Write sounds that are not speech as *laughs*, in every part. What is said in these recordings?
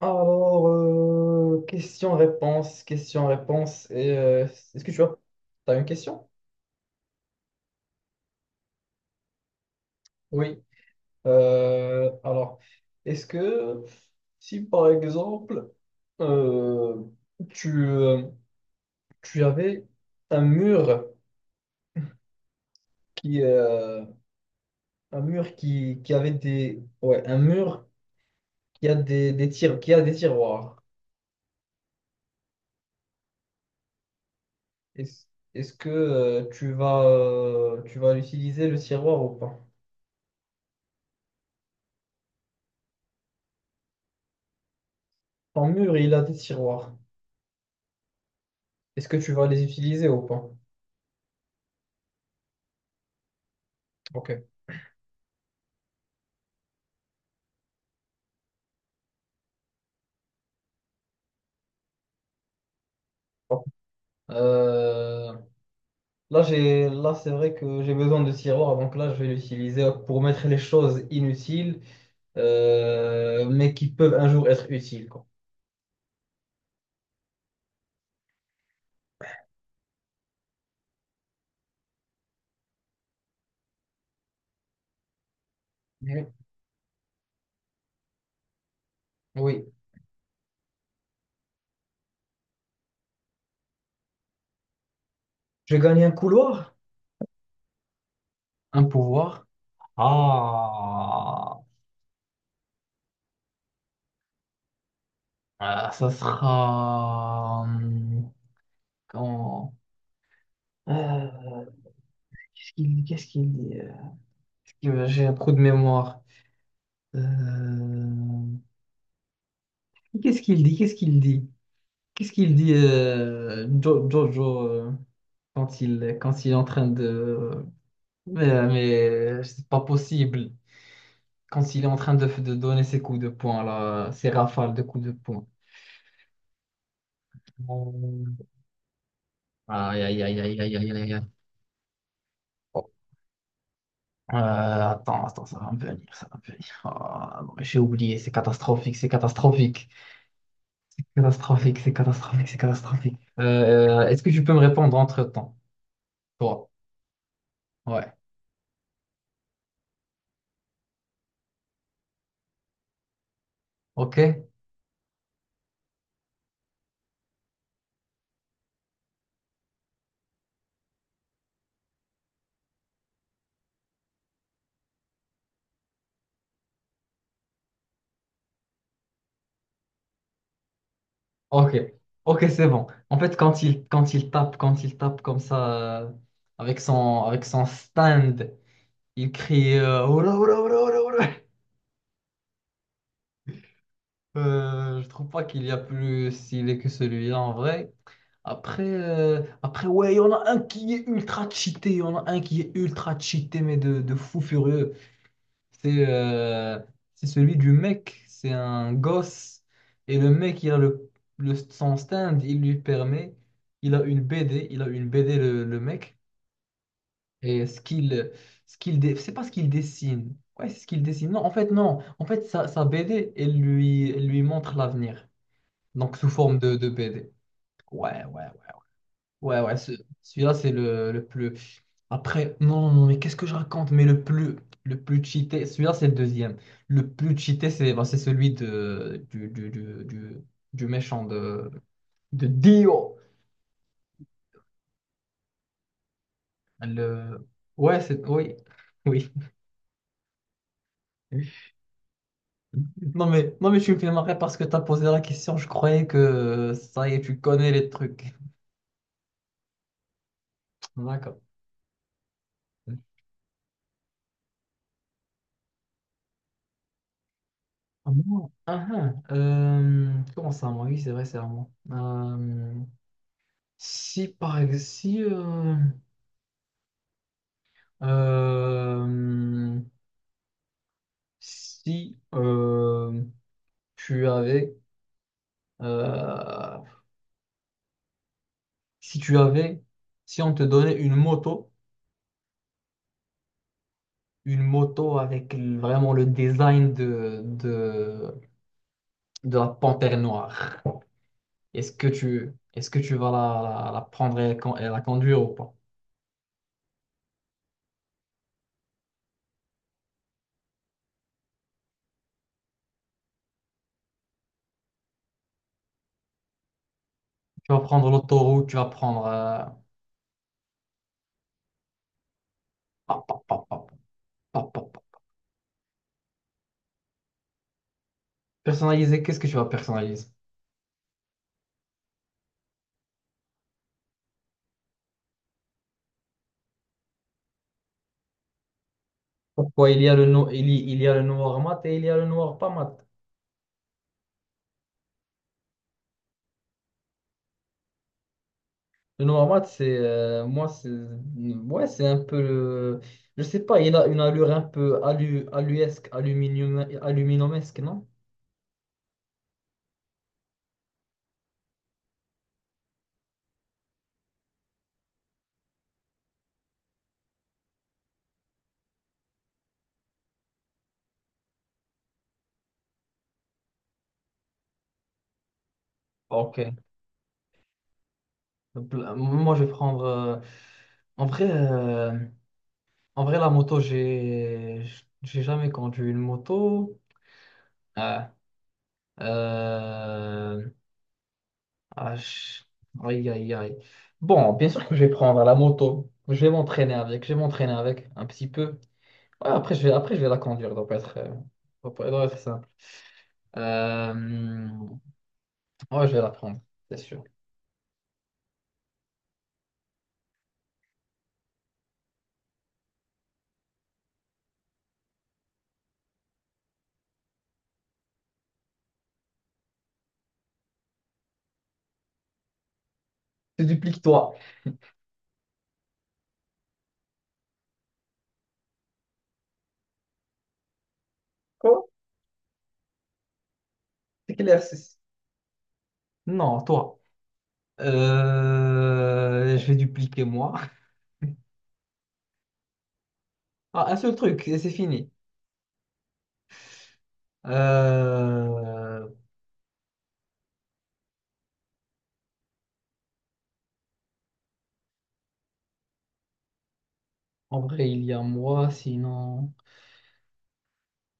Question-réponse, question-réponse. Est-ce que tu as, t'as une question? Oui. Euh, alors, est-ce que si par exemple euh, tu, euh, tu avais un mur qui un mur qui avait des ouais un mur qui a qui a des tiroirs, est-ce, est-ce que tu vas l'utiliser le tiroir ou pas? Ton mur, il a des tiroirs. Est-ce que tu vas les utiliser ou pas? Ok. Bon. Euh, là, c'est vrai que j'ai besoin de tiroir, donc là, je vais l'utiliser pour mettre les choses inutiles, mais qui peuvent un jour être utiles, quoi. Mhm. Oui. Je gagne un couloir, un pouvoir. Ah, Ah, ça sera. Comment? Euh, qu'est-ce qu'il dit? J'ai un trou de mémoire. Euh, Qu'est-ce qu'il dit? Qu'est-ce qu'il dit? Qu'est-ce qu'il dit Jojo quand quand il est en train de… Mais, euh, mais c'est pas possible. Quand il est en train de donner ses coups de poing, là, ses rafales de coups de poing. Euh, Aïe, aïe, aïe, aïe, aïe, aïe, aïe, aïe. Oh. Attends, ça va me venir. Ah, non, mais j'ai oublié, c'est catastrophique. C'est catastrophique. Est-ce que tu peux me répondre entre-temps? Toi, ouais, ok. Ok, ok, c'est bon. En fait, quand il tape comme ça, avec son stand, il crie Oula, oula, oula, oula, oula. Je trouve pas qu'il y a plus stylé que celui-là en vrai. Après, ouais, il y en a un qui est ultra cheaté, il y en a un qui est ultra cheaté, mais de fou furieux. C'est euh, c'est celui du mec, c'est un gosse. Et le mec, il a son stand, il lui permet, il a une BD, il a une BD le mec. Et c'est pas ce qu'il dessine. Ouais, c'est ce qu'il dessine. Non, en fait, non. En fait, sa BD, elle lui montre l'avenir. Donc, sous forme de BD. Ouais, ouais, ouais. Ouais, ouais, ce- celui-là, c'est le plus. Après, non, non, mais qu'est-ce que je raconte? Mais le plus cheaté, celui-là, c'est le deuxième. Le plus cheaté, c'est c'est celui de, du méchant de Dio. Le… Ouais, c'est… Oui, *laughs* oui. Non, mais je suis fait marrer parce que tu as posé la question. Je croyais que ça y est, tu connais les trucs. D'accord. Comment ça, moi? Oui, c'est vrai, c'est à moi. Si, par exemple, Euh, si euh, tu avais, euh, si tu avais, si on te donnait une moto avec vraiment le design de la panthère noire, est-ce que tu vas la prendre et la conduire ou pas? Tu vas prendre l'autoroute, tu vas prendre. Pop, pop, pop, pop, pop, pop, pop. Personnaliser, qu'est-ce que tu vas personnaliser? Pourquoi il y a le no- il y a le noir mat et il y a le noir pas mat? Le Noamad, c'est ouais, c'est un peu, je sais pas, il a une allure un peu alu, aluesque, aluminium, aluminumesque, non? Ok. Moi, je vais prendre. En vrai, euh, en vrai, j'ai jamais conduit une moto. Ah, euh, ah, je- aïe, aïe, aïe. Bon, bien sûr que je vais prendre la moto. Je vais m'entraîner avec. Je vais m'entraîner avec un petit peu. Ouais, après, je vais la conduire, donc être, doit pas- doit être simple. Euh, ouais, je vais la prendre, c'est sûr. Tu dupliques toi. Quoi? C'est quel exercice? Non, toi. Je vais dupliquer moi. *laughs* Ah, un seul truc, et c'est fini. Euh, en vrai, il y a moi, sinon.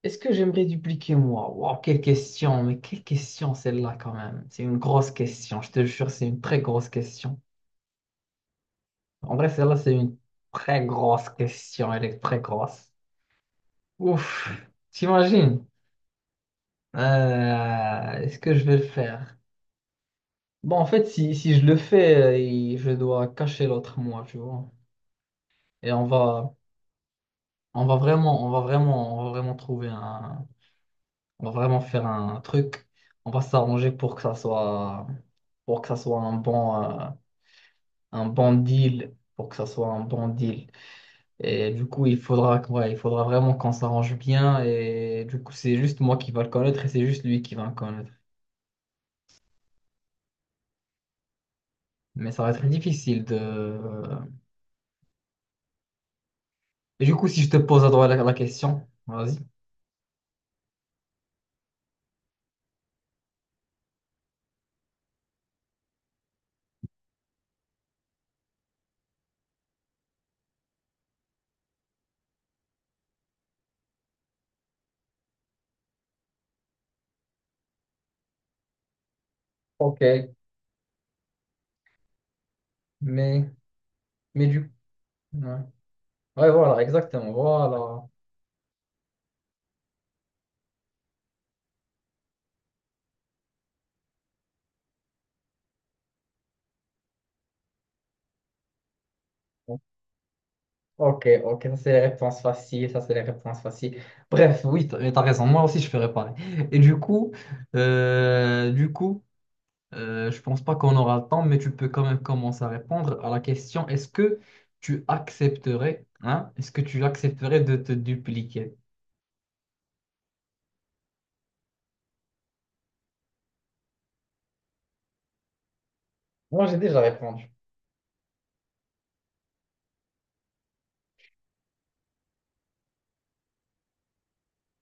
Est-ce que j'aimerais dupliquer moi? Waouh, quelle question, mais quelle question celle-là quand même. C'est une grosse question, je te jure, c'est une très grosse question. En vrai, celle-là, c'est une très grosse question. Elle est très grosse. Ouf, t'imagines? Est-ce que je vais le faire? Bon, en fait, si je le fais, je dois cacher l'autre moi, tu vois. Et on va vraiment on va vraiment faire un truc. On va s'arranger pour que ça soit, pour que ça soit un pour que ça soit un bon deal. Et du coup, ouais, il faudra vraiment qu'on s'arrange bien. Et du coup, c'est juste moi qui va le connaître et c'est juste lui qui va le connaître. Mais ça va être difficile de… Et du coup, si je te pose à droite la question, vas-y. Ok, mais, mais du... Ouais. Ouais, voilà, exactement, voilà. Ok, ça c'est les réponses faciles. Bref, oui, t'as raison, moi aussi je fais réparer. Et du coup, euh, du coup, je pense pas qu'on aura le temps, mais tu peux quand même commencer à répondre à la question, est-ce que tu accepterais, hein, est-ce que tu accepterais de te dupliquer? Moi, j'ai déjà répondu.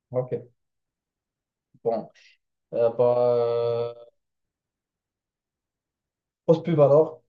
Ok. Bon. Euh, bah, euh, pose pub alors.